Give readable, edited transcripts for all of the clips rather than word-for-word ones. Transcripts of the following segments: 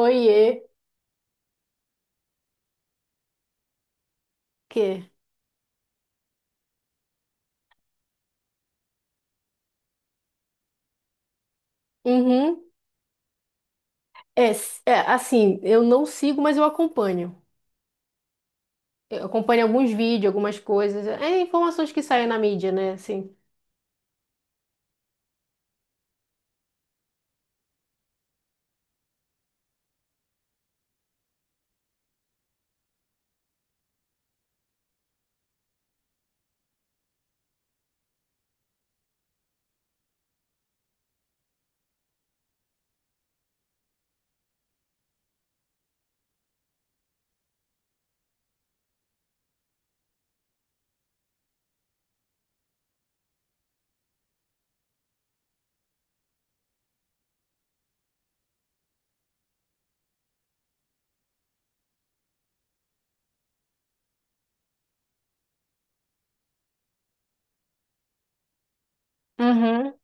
Oiê, que? Uhum. Assim, eu não sigo, mas eu acompanho. Eu acompanho alguns vídeos, algumas coisas. É informações que saem na mídia, né? Assim. Uhum.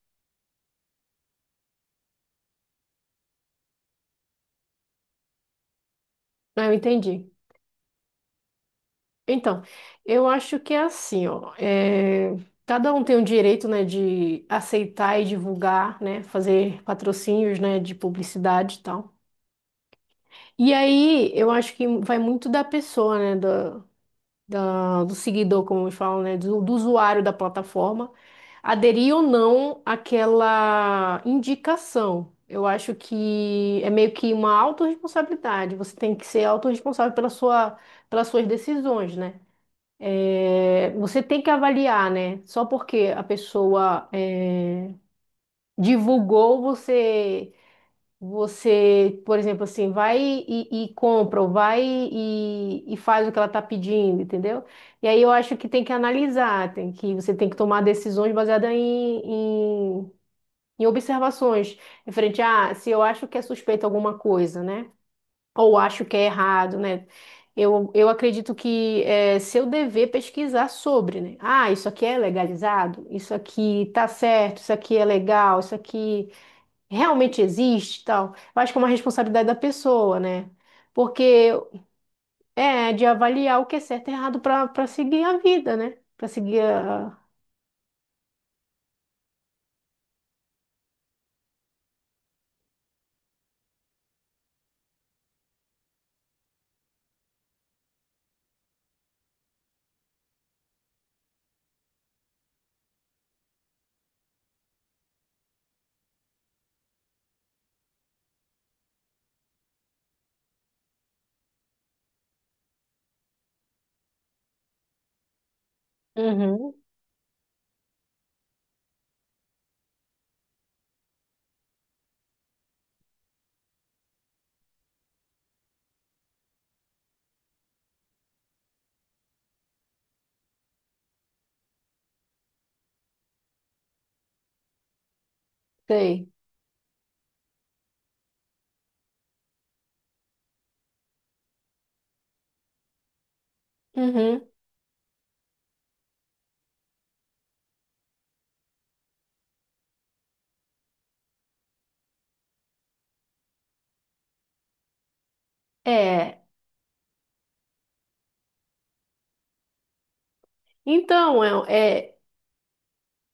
Ah, eu entendi. Então, eu acho que é assim, ó. Cada um tem o direito, né, de aceitar e divulgar, né? Fazer patrocínios, né, de publicidade e tal. E aí, eu acho que vai muito da pessoa, né? Do seguidor, como eles falam, né, do usuário da plataforma, aderir ou não àquela indicação. Eu acho que é meio que uma autorresponsabilidade. Você tem que ser autorresponsável pela sua, pelas suas decisões, né? É, você tem que avaliar, né? Só porque a pessoa divulgou, você, por exemplo, assim, vai e compra, ou vai e faz o que ela está pedindo, entendeu? E aí eu acho que tem que analisar, você tem que tomar decisões baseadas em, em observações. Referente a, se eu acho que é suspeito alguma coisa, né? Ou acho que é errado, né? Eu acredito que é seu dever pesquisar sobre, né? Ah, isso aqui é legalizado? Isso aqui tá certo? Isso aqui é legal? Isso aqui realmente existe e tal, eu acho que é uma responsabilidade da pessoa, né? Porque é de avaliar o que é certo e errado para para seguir a vida, né? Para seguir a. Uhum, sei. Uhum. É. Então, é,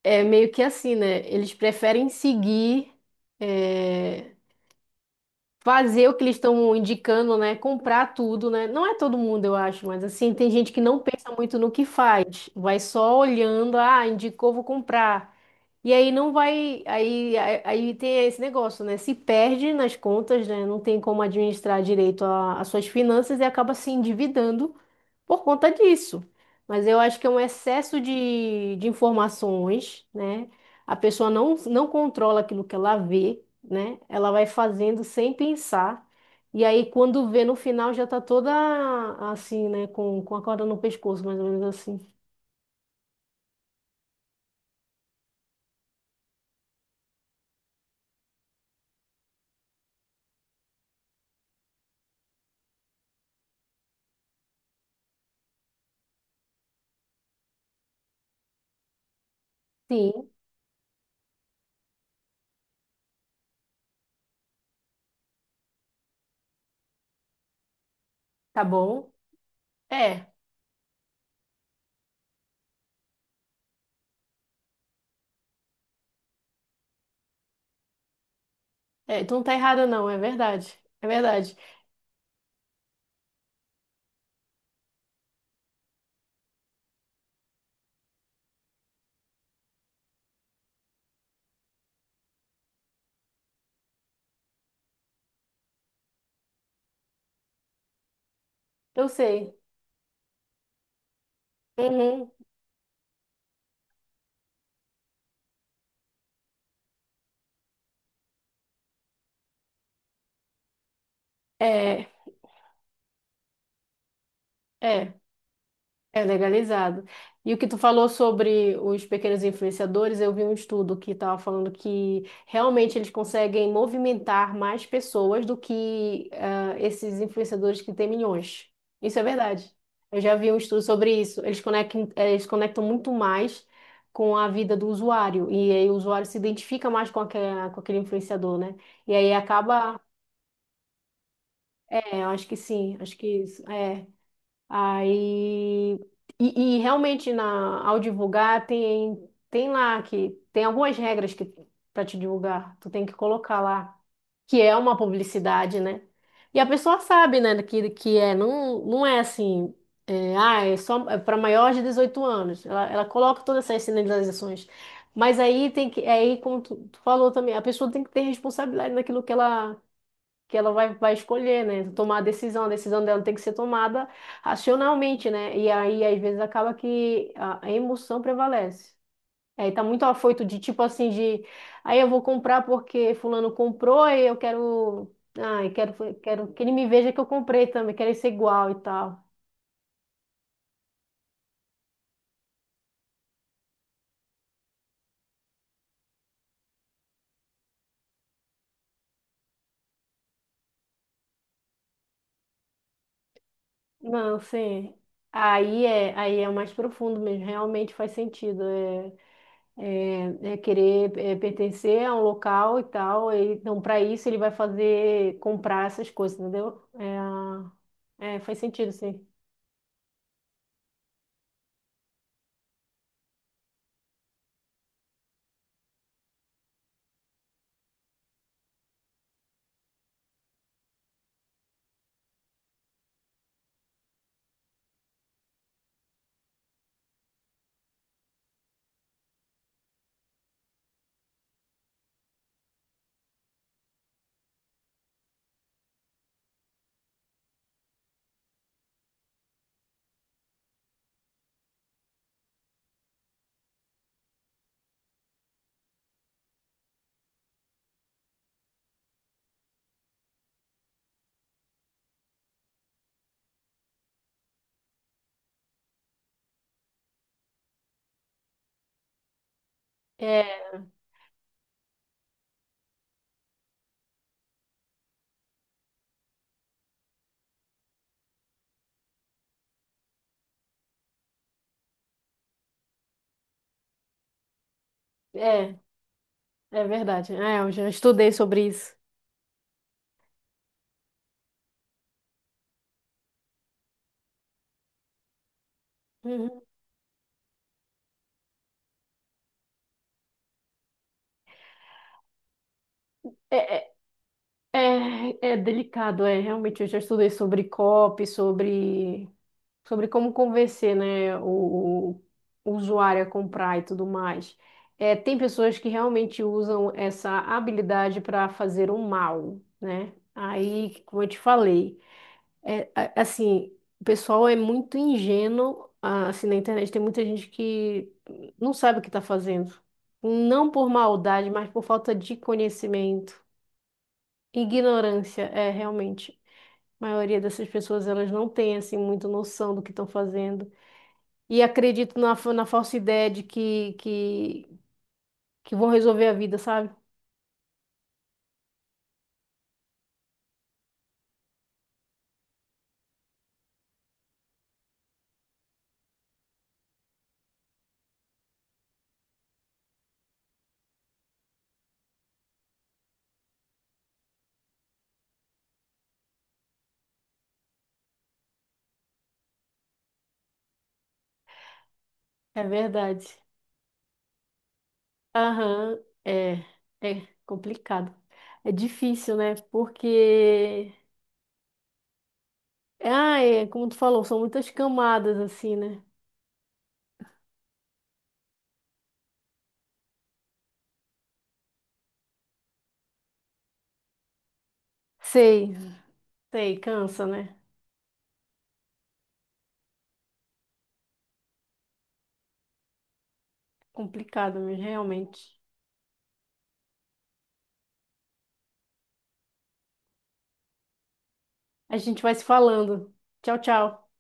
é, é meio que assim, né? Eles preferem seguir, é, fazer o que eles estão indicando, né? Comprar tudo, né? Não é todo mundo, eu acho, mas assim, tem gente que não pensa muito no que faz, vai só olhando, ah, indicou, vou comprar. E aí não vai, aí tem esse negócio, né? Se perde nas contas, né? Não tem como administrar direito as suas finanças e acaba se endividando por conta disso. Mas eu acho que é um excesso de informações, né? A pessoa não, não controla aquilo que ela vê, né? Ela vai fazendo sem pensar. E aí, quando vê no final, já tá toda assim, né? Com a corda no pescoço, mais ou menos assim. Sim, tá bom. É. É, tu não tá errada, não, é verdade. É verdade. Eu sei. Uhum. É, é, é legalizado. E o que tu falou sobre os pequenos influenciadores, eu vi um estudo que estava falando que realmente eles conseguem movimentar mais pessoas do que ah, esses influenciadores que têm milhões. Isso é verdade. Eu já vi um estudo sobre isso. Eles conectam muito mais com a vida do usuário. E aí o usuário se identifica mais com aquele influenciador, né? E aí acaba. É, eu acho que sim, acho que isso, é. Aí, e realmente na, ao divulgar tem, tem lá que tem algumas regras que para te divulgar, tu tem que colocar lá, que é uma publicidade, né? E a pessoa sabe, né, que é, não, não é assim, é, ah, é só para maiores de 18 anos. Ela coloca todas essas sinalizações. Mas aí tem que, aí como tu, tu falou também, a pessoa tem que ter responsabilidade naquilo que ela vai, vai escolher, né? Tomar a decisão. A decisão dela tem que ser tomada racionalmente, né? E aí, às vezes, acaba que a emoção prevalece. Aí tá muito afoito de tipo assim, de aí eu vou comprar porque fulano comprou e eu quero. Ah, eu quero, quero que ele me veja que eu comprei também, quero ser igual e tal. Não, sim. Aí é mais profundo mesmo, realmente faz sentido. É. É querer pertencer a um local e tal. Então, para isso, ele vai fazer comprar essas coisas, entendeu? É, faz sentido, sim. É, é, é verdade. É, eu já estudei sobre isso. Uhum. É, é, é delicado, é. Realmente, eu já estudei sobre COP, sobre como convencer, né, o usuário a comprar e tudo mais. É, tem pessoas que realmente usam essa habilidade para fazer o mal, né? Aí, como eu te falei, é, assim, o pessoal é muito ingênuo, ah, assim, na internet tem muita gente que não sabe o que está fazendo. Não por maldade, mas por falta de conhecimento. Ignorância, é, realmente. A maioria dessas pessoas, elas não tem, assim, muita noção do que estão fazendo. E acredito na, na falsa ideia de que que vão resolver a vida, sabe? É verdade. Aham, é, é complicado. É difícil, né? Porque, ah, é, como tu falou, são muitas camadas, assim, né? Sei, sei, cansa, né? Complicado mesmo, realmente. A gente vai se falando. Tchau, tchau.